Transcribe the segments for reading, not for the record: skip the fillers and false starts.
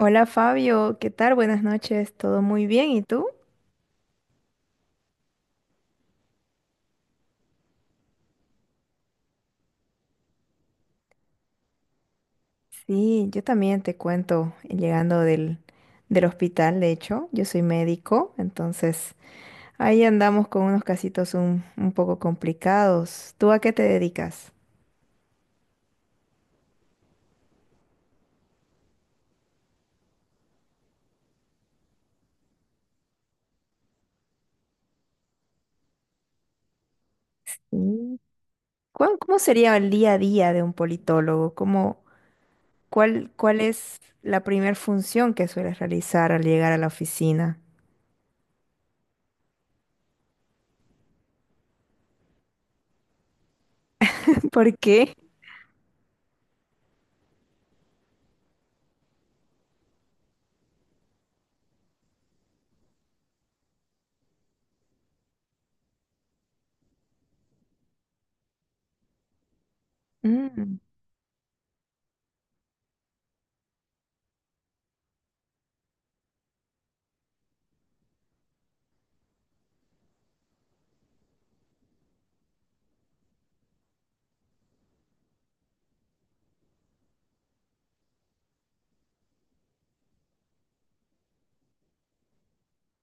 Hola Fabio, ¿qué tal? Buenas noches, todo muy bien, ¿y tú? Sí, yo también te cuento, llegando del hospital, de hecho, yo soy médico, entonces ahí andamos con unos casitos un poco complicados. ¿Tú a qué te dedicas? Mm. ¿Cómo sería el día a día de un politólogo? ¿Cuál es la primer función que sueles realizar al llegar a la oficina? ¿Por qué?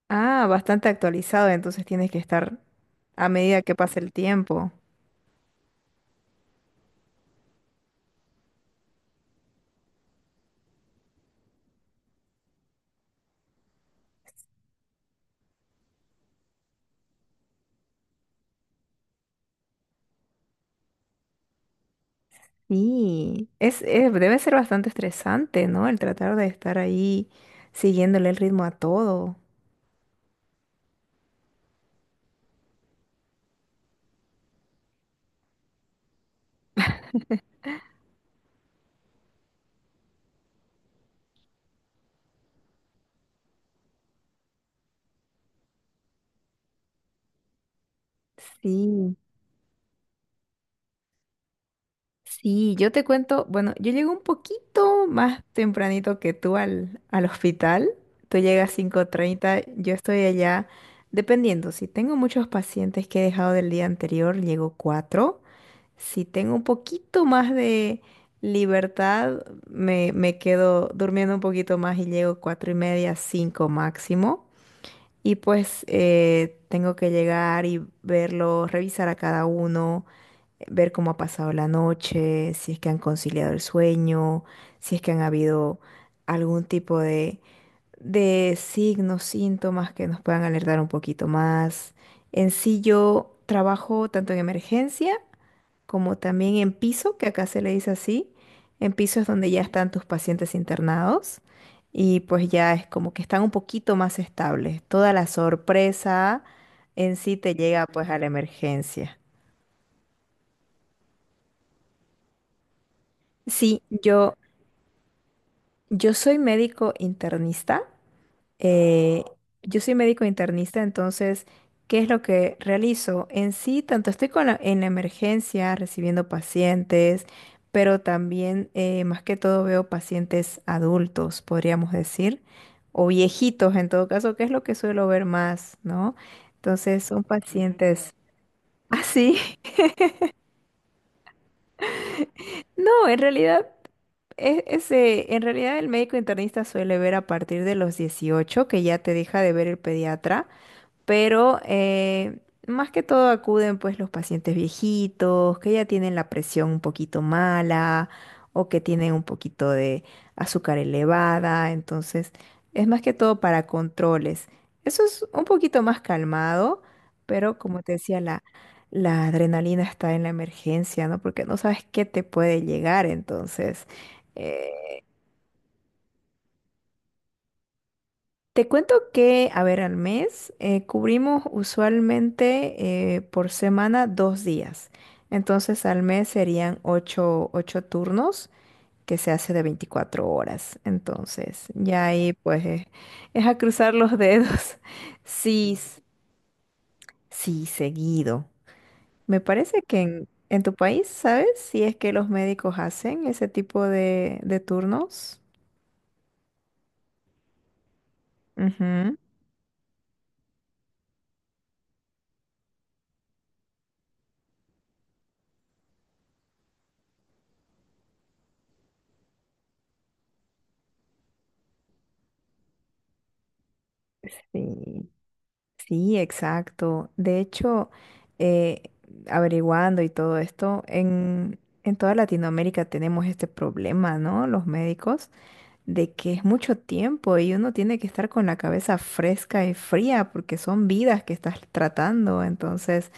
Ah, bastante actualizado, entonces tienes que estar a medida que pasa el tiempo. Sí, debe ser bastante estresante, ¿no? El tratar de estar ahí siguiéndole el ritmo a todo. Sí. Sí, yo te cuento, bueno, yo llegué un poquito más tempranito que tú al hospital. Tú llegas cinco treinta. Yo estoy allá, dependiendo, si tengo muchos pacientes que he dejado del día anterior, llego 4. Si tengo un poquito más de libertad, me quedo durmiendo un poquito más y llego 4 y media, 5 máximo. Y pues tengo que llegar y verlos, revisar a cada uno, ver cómo ha pasado la noche, si es que han conciliado el sueño, si es que han habido algún tipo de signos, síntomas que nos puedan alertar un poquito más. En sí yo trabajo tanto en emergencia como también en piso, que acá se le dice así. En piso es donde ya están tus pacientes internados y pues ya es como que están un poquito más estables. Toda la sorpresa en sí te llega pues a la emergencia. Sí, yo soy médico internista. eh, yo soy médico internista, entonces, ¿qué es lo que realizo? En sí, tanto estoy en la emergencia recibiendo pacientes, pero también, más que todo, veo pacientes adultos, podríamos decir, o viejitos en todo caso, que es lo que suelo ver más, ¿no? Entonces, son pacientes así. No, en realidad. Ese, en realidad el médico internista suele ver a partir de los 18 que ya te deja de ver el pediatra, pero más que todo acuden pues los pacientes viejitos, que ya tienen la presión un poquito mala o que tienen un poquito de azúcar elevada, entonces es más que todo para controles. Eso es un poquito más calmado, pero como te decía, la adrenalina está en la emergencia, ¿no? Porque no sabes qué te puede llegar, entonces. eh, Te cuento que, a ver, al mes cubrimos usualmente por semana dos días. Entonces al mes serían ocho turnos que se hace de 24 horas. Entonces ya ahí pues es a cruzar los dedos. Sí, sí, seguido. Me parece que en tu país, ¿sabes? Si es que los médicos hacen ese tipo de turnos. Ujú. Sí. Sí, exacto. De hecho, eh, averiguando y todo esto, en toda Latinoamérica tenemos este problema, ¿no? Los médicos, de que es mucho tiempo y uno tiene que estar con la cabeza fresca y fría porque son vidas que estás tratando. Entonces,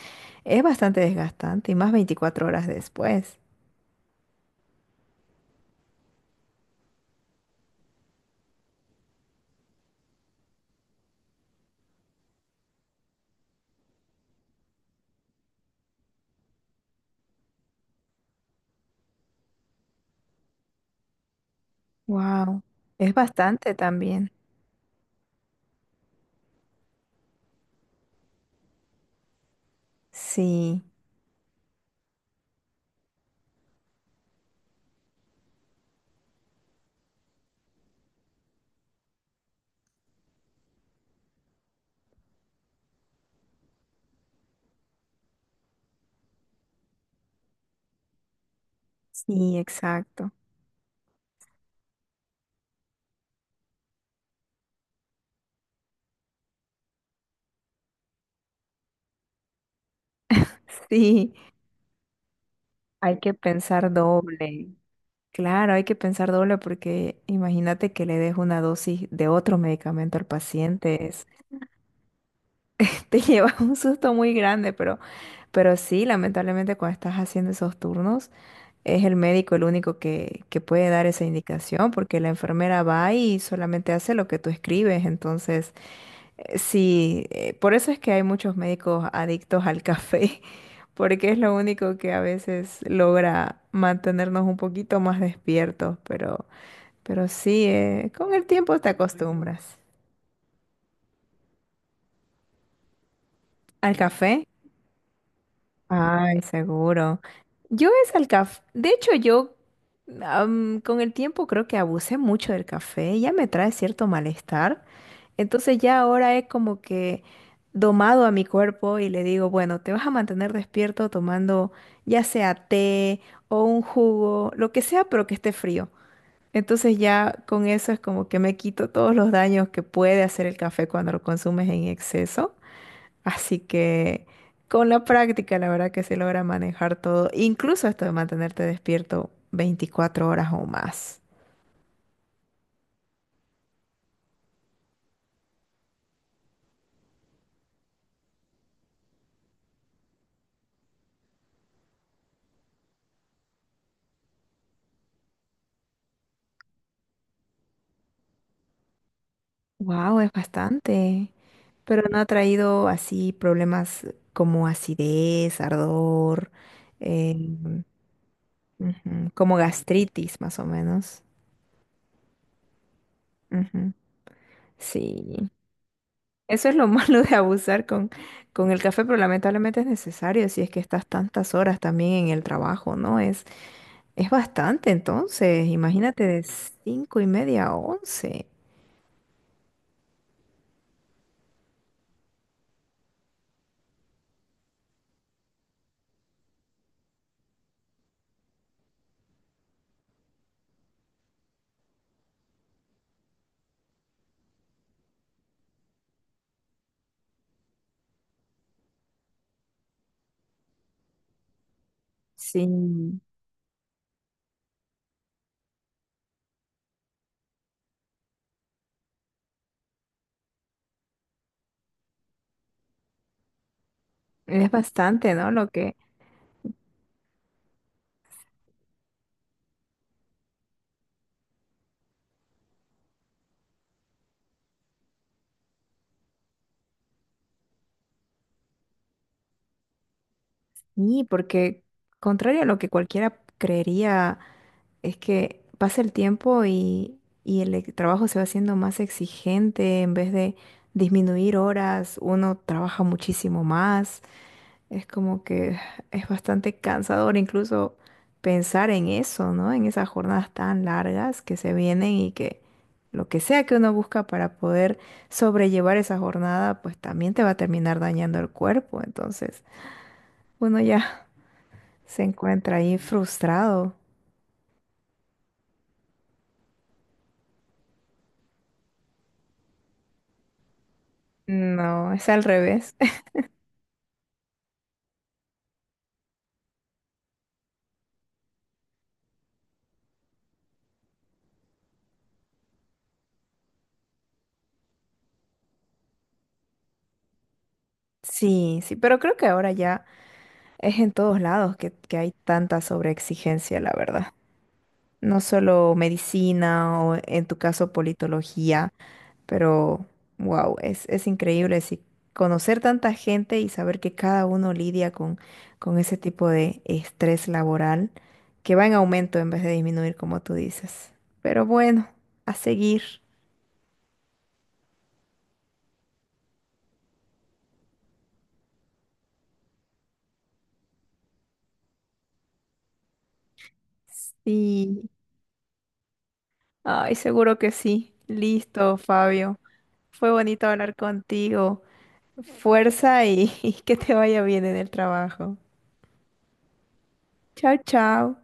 es bastante desgastante y más 24 horas después. Wow, es bastante también. Sí, sí, exacto. Sí, hay que pensar doble. Claro, hay que pensar doble porque imagínate que le des una dosis de otro medicamento al paciente, te lleva un susto muy grande, pero, sí, lamentablemente cuando estás haciendo esos turnos, es el médico el único que puede dar esa indicación porque la enfermera va y solamente hace lo que tú escribes, entonces sí, por eso es que hay muchos médicos adictos al café, porque es lo único que a veces logra mantenernos un poquito más despiertos, pero... Pero sí, con el tiempo te acostumbras. ¿Al café? Ay, seguro. Yo es al café. De hecho, yo con el tiempo creo que abusé mucho del café. Ya me trae cierto malestar. Entonces ya ahora es como que domado a mi cuerpo y le digo, bueno, te vas a mantener despierto tomando ya sea té o un jugo, lo que sea, pero que esté frío. Entonces ya con eso es como que me quito todos los daños que puede hacer el café cuando lo consumes en exceso. Así que con la práctica la verdad que se logra manejar todo, incluso esto de mantenerte despierto 24 horas o más. Wow, es bastante. Pero no ha traído así problemas como acidez, ardor, eh, ujú, como gastritis más o menos. Ujú, sí. Eso es lo malo de abusar con el café, pero lamentablemente es necesario si es que estás tantas horas también en el trabajo, ¿no? Es bastante, entonces, imagínate de cinco y media a once. Sí, es bastante, ¿no? Y porque contrario a lo que cualquiera creería, es que pasa el tiempo y, el trabajo se va haciendo más exigente en vez de disminuir horas, uno trabaja muchísimo más. Es como que es bastante cansador incluso pensar en eso, ¿no? En esas jornadas tan largas que se vienen y que lo que sea que uno busca para poder sobrellevar esa jornada, pues también te va a terminar dañando el cuerpo. Entonces, uno ya se encuentra ahí frustrado. No, es al revés. Sí, sí, pero creo que ahora ya es en todos lados que hay tanta sobreexigencia, la verdad. No solo medicina o en tu caso politología. Pero, wow, es increíble sí, conocer tanta gente y saber que cada uno lidia con ese tipo de estrés laboral que va en aumento en vez de disminuir, como tú dices. Pero bueno, a seguir. Sí, ay, seguro que sí. Listo, Fabio. Fue bonito hablar contigo. Fuerza y, y que te vaya bien en el trabajo. Chao, chao.